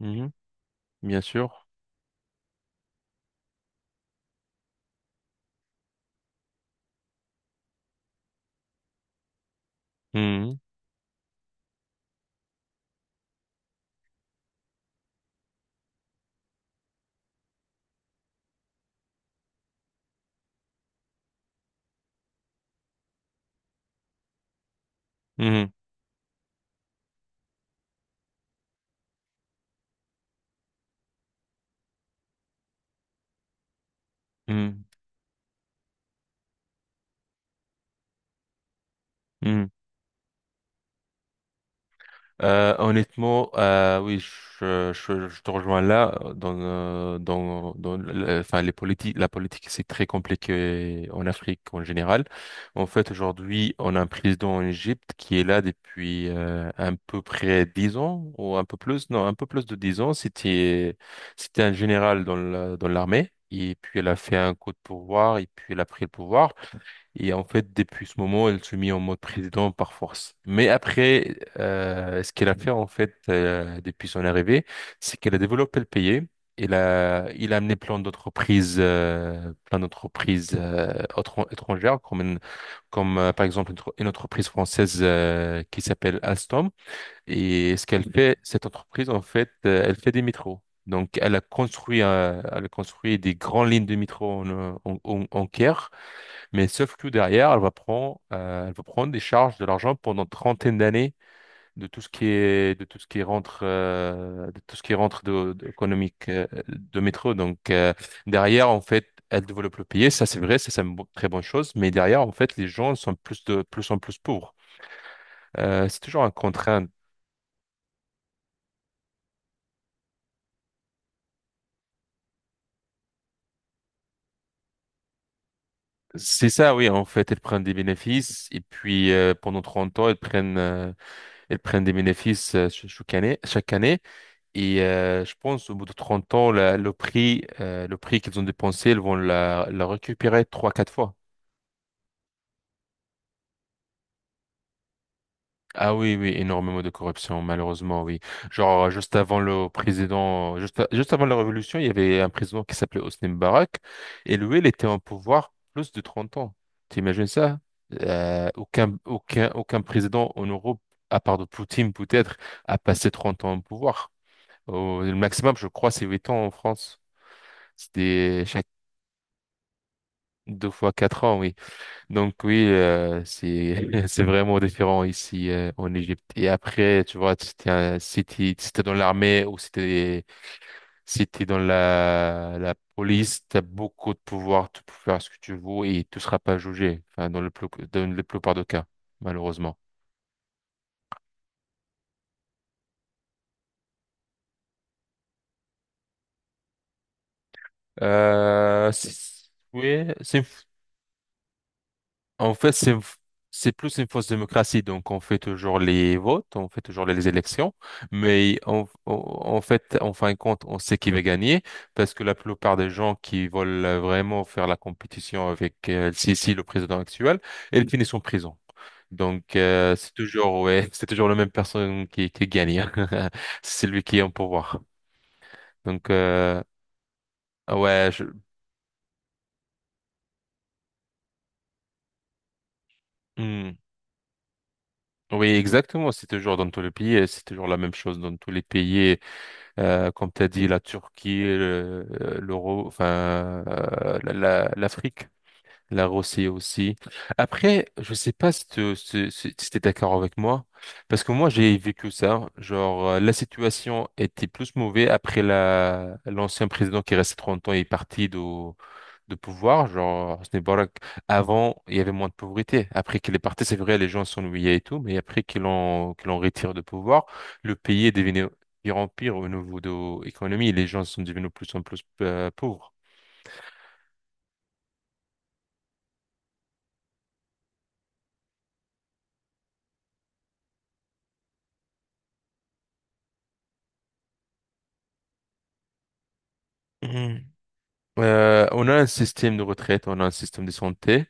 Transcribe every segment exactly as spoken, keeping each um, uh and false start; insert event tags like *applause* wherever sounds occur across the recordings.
Mhm, bien sûr. Mhm, mhm, mhm, mhm. Euh, honnêtement, euh, oui, je, je, je te rejoins là. euh, Dans, euh, dans, dans le- enfin, les politiques, la politique, c'est très compliqué en Afrique en général. En fait, aujourd'hui, on a un président en Égypte qui est là depuis euh, à peu près dix ans ou un peu plus, non, un peu plus de dix ans. C'était, c'était un général dans la- dans l'armée. Et puis elle a fait un coup de pouvoir et puis elle a pris le pouvoir. Et en fait, depuis ce moment, elle se mit en mode président par force. Mais après, euh, ce qu'elle a fait, en fait, euh, depuis son arrivée, c'est qu'elle a développé le pays. Il a, il a amené plein d'entreprises, euh, plein d'entreprises euh, autre- étrangères, comme, une- comme euh, par exemple une, entre- une entreprise française euh, qui s'appelle Alstom. Et ce qu'elle fait, cette entreprise, en fait, euh, elle fait des métros. Donc, elle a construit, euh, elle a construit des grandes lignes de métro en, euh, en, en en Caire. Mais sauf que derrière, elle va prendre, euh, elle va prendre des charges de l'argent pendant une trentaine d'années de tout ce qui est, de tout ce qui rentre, euh, de tout ce qui rentre de, de- économique euh, de métro. Donc euh, derrière, en fait, elle développe le pays. Ça, c'est vrai, ça, c'est une bo- très bonne chose. Mais derrière, en fait, les gens sont plus de plus en plus pauvres. Euh, c'est toujours un contrainte. C'est ça, oui. En fait, elles prennent des bénéfices et puis euh, pendant trente ans, elles prennent, euh, elles prennent des bénéfices euh, ch- chaque année, chaque année. Et euh, je pense au bout de trente ans, la- le prix, euh, le prix qu'ils ont dépensé, ils vont la, la récupérer trois, quatre fois. Ah oui, oui, énormément de corruption, malheureusement, oui. Genre, euh, juste avant le président, juste, juste avant la révolution, il y avait un président qui s'appelait Hosni Moubarak, et lui, il était en pouvoir plus de trente ans. T'imagines ça? Euh, aucun, aucun, aucun président en Europe, à part de Poutine peut-être, a passé trente ans en pouvoir. Au- le maximum, je crois, c'est huit ans en France. C'était deux fois quatre ans, oui. Donc oui, euh, c'est *laughs* c'est vraiment différent ici euh, en Égypte. Et après, tu vois, si t'es un- si t'es- si t'es dans l'armée ou si t'es si t'es dans la la police, t'as beaucoup de pouvoir, tu peux faire ce que tu veux et tu seras pas jugé. Enfin, dans le plus dans la plupart des cas, malheureusement. Euh, c'est- oui, c'est En fait, c'est c'est plus une fausse démocratie. Donc, on fait toujours les votes, on fait toujours les élections, mais on- on- en fait, en fin de compte, on sait qui va gagner parce que la plupart des gens qui veulent vraiment faire la compétition avec euh, El-Sisi, le président actuel, ils finissent en prison. Donc, euh, c'est toujours, ouais, *laughs* c'est toujours la même personne qui, qui gagne, hein. *laughs* C'est lui qui est en pouvoir. Donc, euh, ouais, je- hmm. Oui, exactement. C'est toujours dans tous les pays, et c'est toujours la même chose dans tous les pays. Euh, comme tu as dit, la Turquie, le- l'Euro, enfin, euh, la- la- l'Afrique. La Rossée aussi. Après, je sais pas si tu es d'accord avec moi, parce que moi j'ai vécu ça. Genre, euh, la situation était plus mauvaise après la l'ancien président qui est resté trente ans et est parti de, de pouvoir. Genre, Hosni Mubarak, avant, il y avait moins de pauvreté. Après qu'il est parti, c'est vrai, les gens s'ennuyaient et tout, mais après qu'il en, qu'il en retire de pouvoir, le pays est devenu pire en pire au niveau de l'économie. Les gens sont devenus de plus en plus euh, pauvres. Euh, on a un système de retraite, on a un système de santé.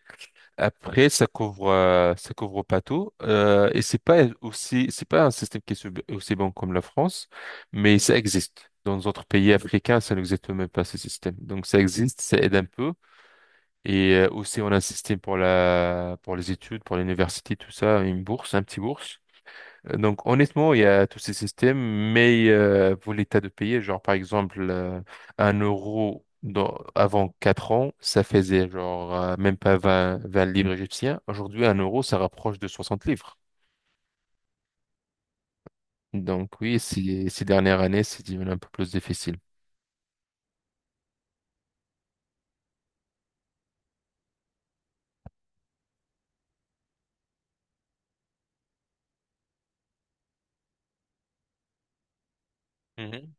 Après, ça couvre, euh, ça couvre pas tout. Euh, et c'est pas aussi, c'est pas un système qui est sub- aussi bon comme la France, mais ça existe. Dans d'autres pays africains, ça n'existe même pas ce système. Donc ça existe, ça aide un peu. Et euh, aussi, on a un système pour la, pour les études, pour l'université, tout ça, une bourse, un petit bourse. Euh, Donc honnêtement, il y a tous ces systèmes, mais euh, pour l'état de payer, genre par exemple euh, un euro dans- avant quatre ans, ça faisait genre euh, même pas vingt 20 livres égyptiens. Aujourd'hui, un euro, ça rapproche de soixante livres. Donc oui, ces, ces dernières années, c'est devenu un peu plus difficile. Mhm.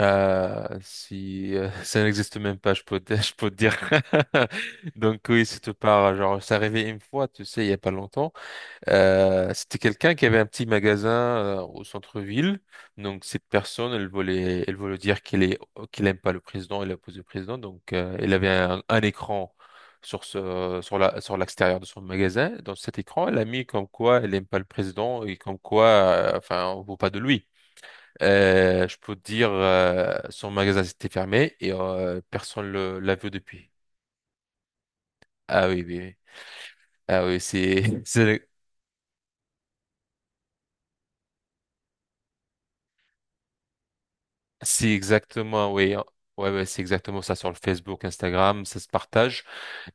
Euh, si euh, *laughs* ça n'existe même pas, je peux te, *laughs* je peux te dire. *laughs* Donc oui, si tu pars, genre, ça arrivait une fois, tu sais, il y a pas longtemps. Euh, c'était quelqu'un qui avait un petit magasin euh, au centre-ville. Donc cette personne, elle voulait, elle voulait dire qu'elle est, qu'elle aime pas le président, elle oppose le président. Donc euh, elle avait un, un écran sur ce, sur la, sur l'extérieur de son magasin. Dans cet écran, elle a mis comme quoi elle aime pas le président et comme quoi, euh, enfin, on ne veut pas de lui. Euh, je peux te dire, euh, son magasin s'était fermé et euh, personne le l'a vu depuis. Ah oui, oui, oui. Ah oui, c'est *laughs* c'est c'est exactement, oui, hein. Ouais, ouais, c'est exactement ça sur le Facebook, Instagram, ça se partage.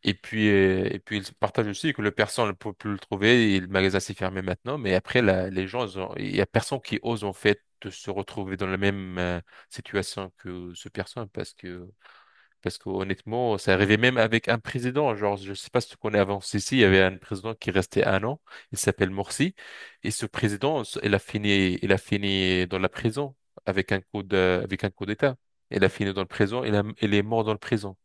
Et puis euh, et puis il se partage aussi que le personne ne peut plus le trouver et le magasin s'est fermé maintenant. Mais après, la- les gens, ils ont- il y a personne qui ose en fait de se retrouver dans la même euh, situation que ce personne parce que parce que honnêtement, ça arrivait même avec un président. Genre, je sais pas si tu connais avant Sissi, il y avait un président qui restait un an. Il s'appelle Morsi. Et ce président, il a fini, il a fini dans la prison avec un coup de, avec un coup d'État. Il a fini dans le prison. Il a- il est mort dans le prison.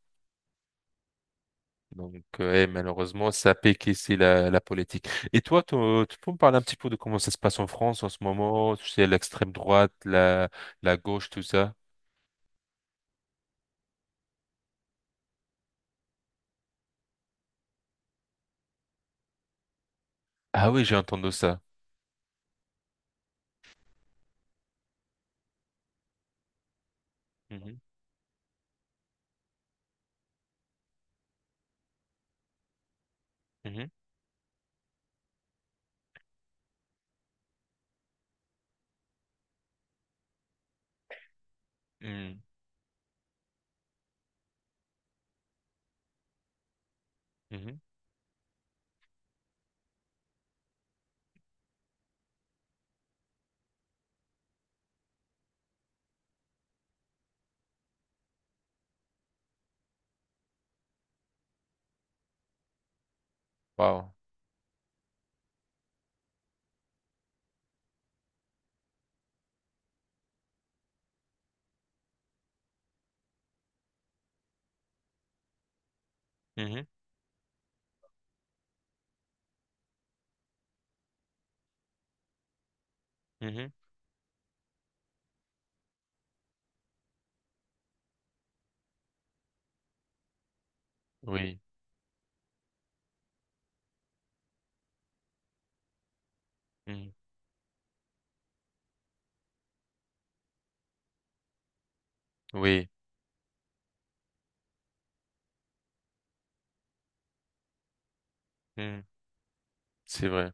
Donc, euh, eh, malheureusement, ça pique ici la, la politique. Et toi, tu tu peux me parler un petit peu de comment ça se passe en France en ce moment? Tu sais, l'extrême droite, la, la gauche, tout ça. Ah oui, j'ai entendu ça. Mhm, mhm, mhm, mhm. Wow. Mhm, mhm, oui, mhm, oui, mhm. c'est vrai.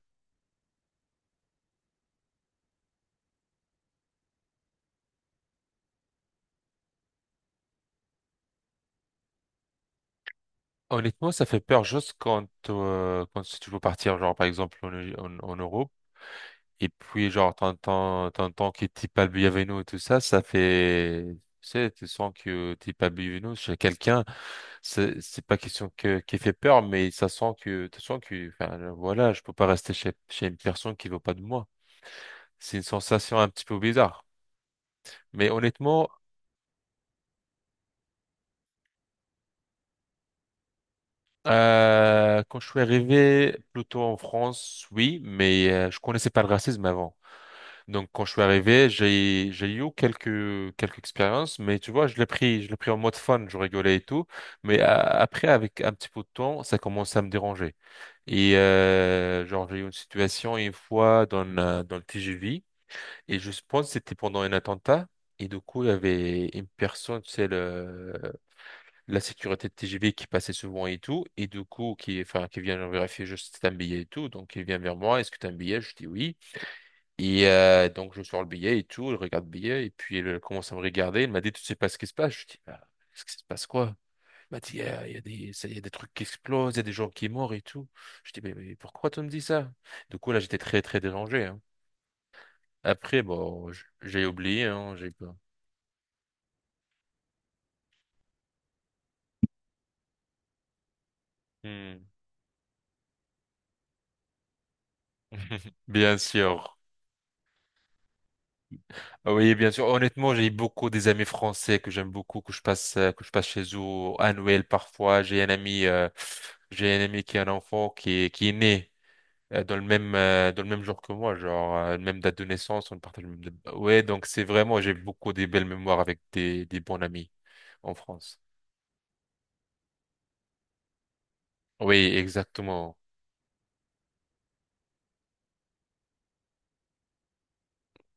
Honnêtement, ça fait peur juste quand, euh, quand tu veux partir, genre par exemple en, en, en Europe, et puis genre t'entends, t'entends que t'es pas le bienvenu et tout ça, ça fait, tu sais, tu sens que t'es pas le bienvenu chez quelqu'un, c'est c'est pas question que, qui fait peur, mais ça sent que, tu sens que, enfin voilà, je peux pas rester chez, chez une personne qui veut pas de moi. C'est une sensation un petit peu bizarre. Mais honnêtement, Euh, quand je suis arrivé plutôt en France, oui, mais euh, je connaissais pas le racisme avant. Donc quand je suis arrivé, j'ai j'ai eu quelques quelques expériences, mais tu vois, je l'ai pris je l'ai pris en mode fun, je rigolais et tout. Mais euh, après, avec un petit peu de temps, ça commençait à me déranger. Et euh, genre j'ai eu une situation une fois dans le- dans le T G V et je pense que c'était pendant un attentat. Et du coup, il y avait une personne, tu sais, le, la sécurité de T G V qui passait souvent et tout, et du coup, qui, enfin, qui vient vérifier juste si t'as un billet et tout, donc il vient vers moi, est-ce que t'as un billet? Je dis oui. Et euh, donc je sors le billet et tout, il regarde le billet, et puis il commence à me regarder, il m'a dit, tu sais pas ce qui se passe? Je dis, bah, ce qui se passe quoi? Il m'a dit, il y a, il y a des, ça- il y a des trucs qui explosent, il y a des gens qui sont morts et tout. Je dis, mais, mais pourquoi tu me dis ça? Du coup, là, j'étais très, très dérangé, hein. Après, bon, j- j'ai oublié, hein, j'ai pas. Hmm. *laughs* Bien sûr. Oui, bien sûr. Honnêtement, j'ai beaucoup des amis français que j'aime beaucoup, que je passe, euh, que je passe chez eux à Noël parfois. J'ai un ami, euh, j'ai un ami qui a un enfant qui est, qui est né euh, dans le même, euh, dans le même jour que moi, genre euh, même date de naissance, on partage le même. Ouais, donc c'est vraiment, j'ai beaucoup des belles mémoires avec des, des bons amis en France. Oui, exactement.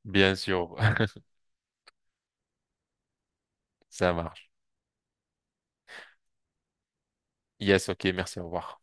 Bien sûr, *laughs* ça marche. Yes, ok, merci, au revoir.